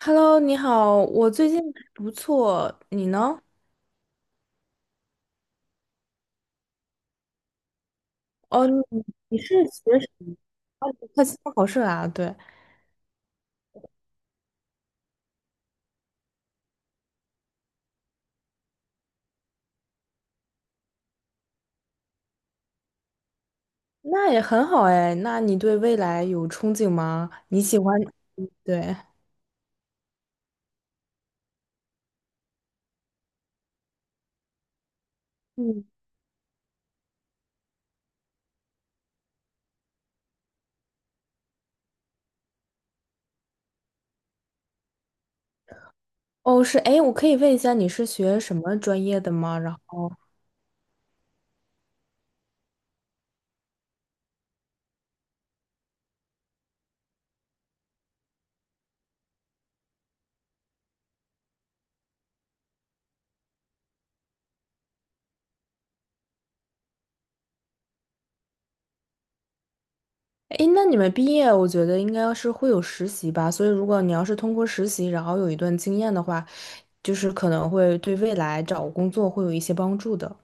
Hello,你好，我最近还不错，你呢？哦，你是学什么？哦，你快期末考试啦，对，那也很好哎。那你对未来有憧憬吗？你喜欢？嗯对，嗯，哦，是，哎，我可以问一下你是学什么专业的吗？然后，哎，那你们毕业，我觉得应该是会有实习吧。所以，如果你要是通过实习，然后有一段经验的话，就是可能会对未来找工作会有一些帮助的。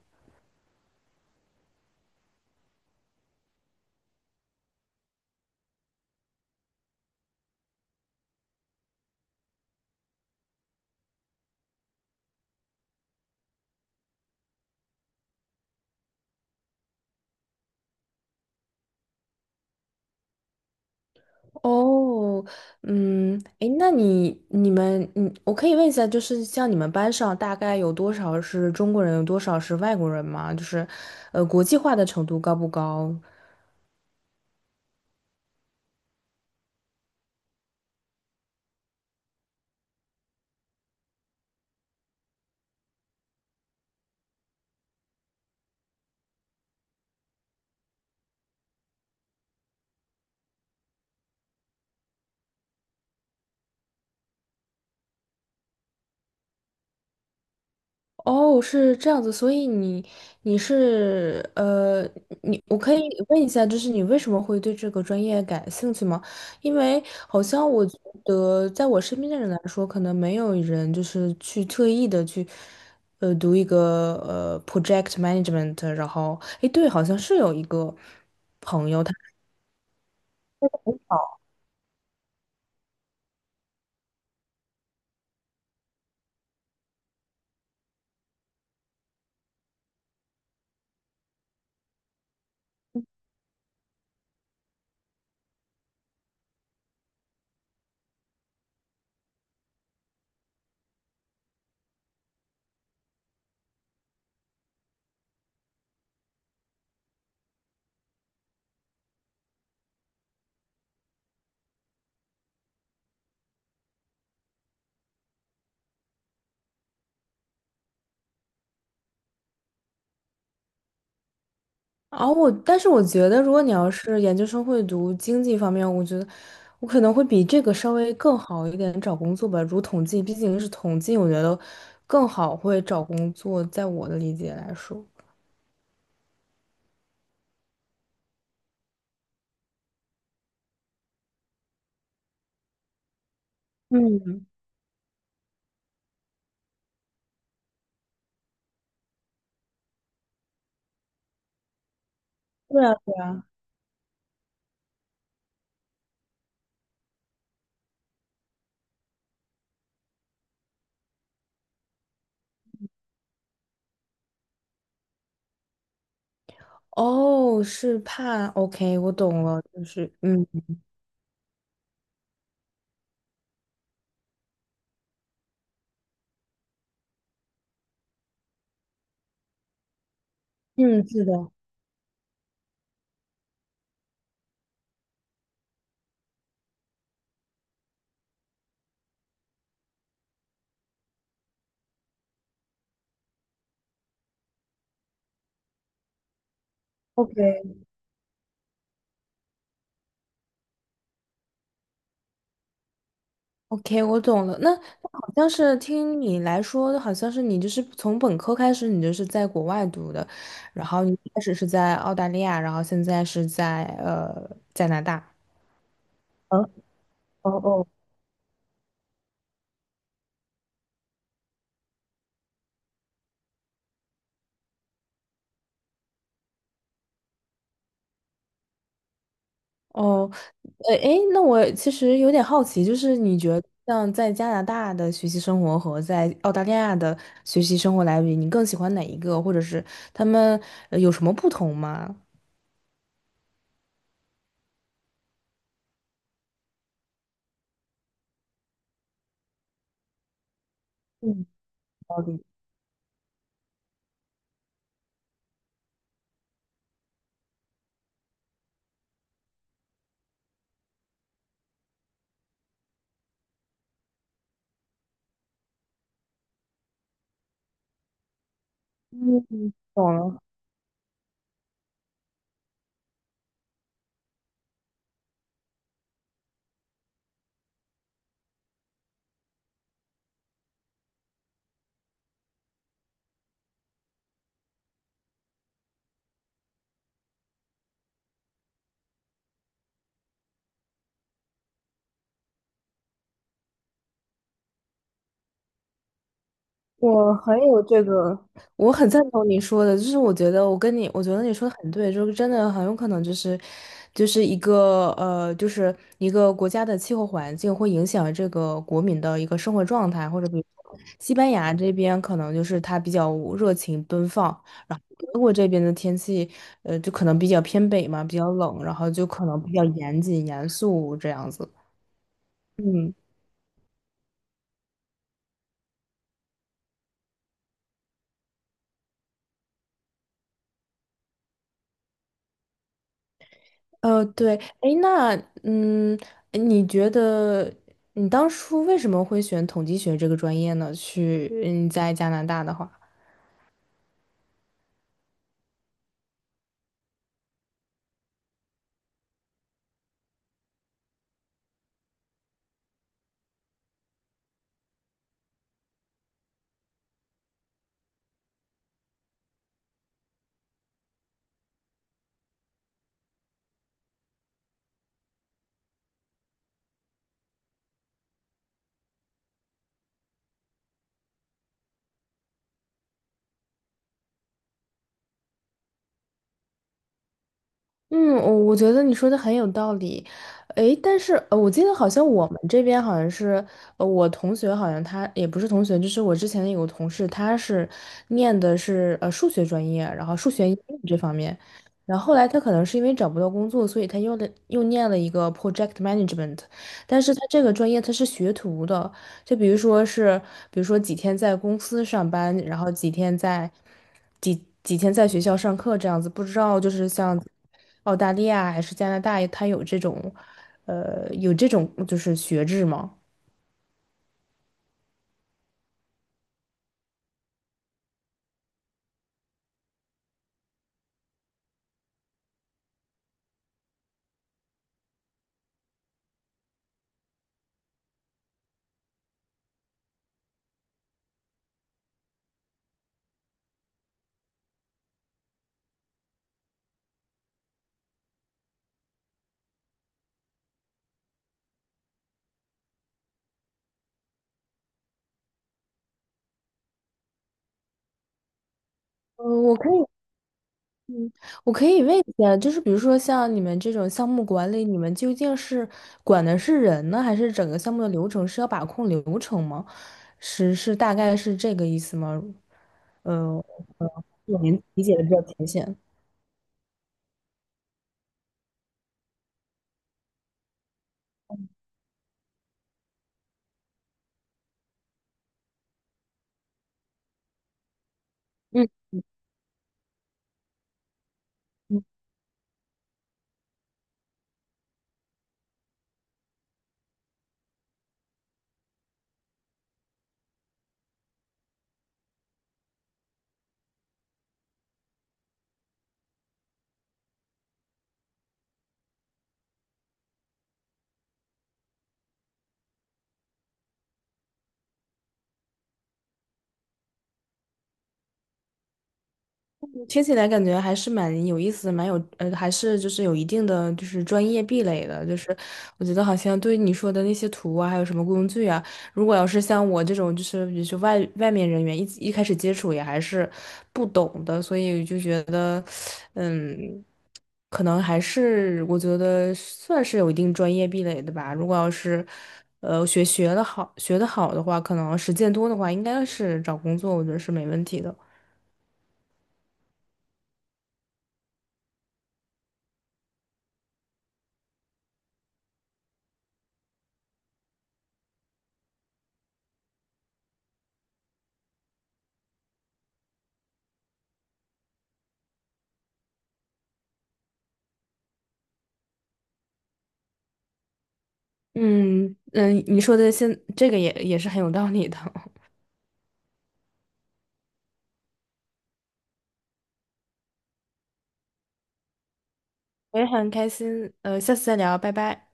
哦，嗯，诶，那你们，嗯，我可以问一下，就是像你们班上大概有多少是中国人，有多少是外国人吗？就是，国际化的程度高不高？哦，是这样子，所以你你是你我可以问一下，就是你为什么会对这个专业感兴趣吗？因为好像我觉得，在我身边的人来说，可能没有人就是去特意的去读一个project management,然后诶，对，好像是有一个朋友。他。啊，我但是我觉得，如果你要是研究生会读经济方面，我觉得我可能会比这个稍微更好一点找工作吧。如统计，毕竟是统计，我觉得更好会找工作，在我的理解来说。嗯，对啊哦，是怕，OK,我懂了，就是，嗯嗯，是的，OK。OK,我懂了。那那好像是听你来说，好像是你就是从本科开始，你就是在国外读的，然后你一开始是在澳大利亚，然后现在是在加拿大。嗯，哦哦。哦，诶，那我其实有点好奇，就是你觉得像在加拿大的学习生活和在澳大利亚的学习生活来比，你更喜欢哪一个，或者是他们有什么不同吗？嗯好的嗯，懂了。我很有这个，我很赞同你说的，就是我觉得我跟你，我觉得你说的很对，就是真的很有可能就是，就是一个就是一个国家的气候环境会影响这个国民的一个生活状态，或者比如说西班牙这边可能就是它比较热情奔放，然后德国这边的天气，就可能比较偏北嘛，比较冷，然后就可能比较严谨严肃这样子。嗯。对，哎，那嗯，你觉得你当初为什么会选统计学这个专业呢？去嗯，在加拿大的话。嗯，我我觉得你说的很有道理，诶，但是我记得好像我们这边好像是，我同学好像他也不是同学，就是我之前有个同事，他是念的是数学专业，然后数学应用这方面，然后后来他可能是因为找不到工作，所以他又的又念了一个 project management,但是他这个专业他是学徒的，就比如说是，比如说几天在公司上班，然后几天在。几天在学校上课这样子，不知道就是像澳大利亚还是加拿大，它有这种，有这种就是学制吗？我可以，嗯，我可以问一下，就是比如说像你们这种项目管理，你们究竟是管的是人呢，还是整个项目的流程是要把控流程吗？是是大概是这个意思吗？呃，呃，我您理解的比较浅显。嗯嗯听起来感觉还是蛮有意思，蛮有还是就是有一定的就是专业壁垒的，就是我觉得好像对于你说的那些图啊，还有什么工具啊，如果要是像我这种就是比如说外面人员一开始接触也还是不懂的，所以就觉得，嗯，可能还是我觉得算是有一定专业壁垒的吧。如果要是学的好学的好的话，可能实践多的话，应该是找工作我觉得是没问题的。嗯嗯，你说的这个也也是很有道理的，我也很开心，下次再聊，拜拜。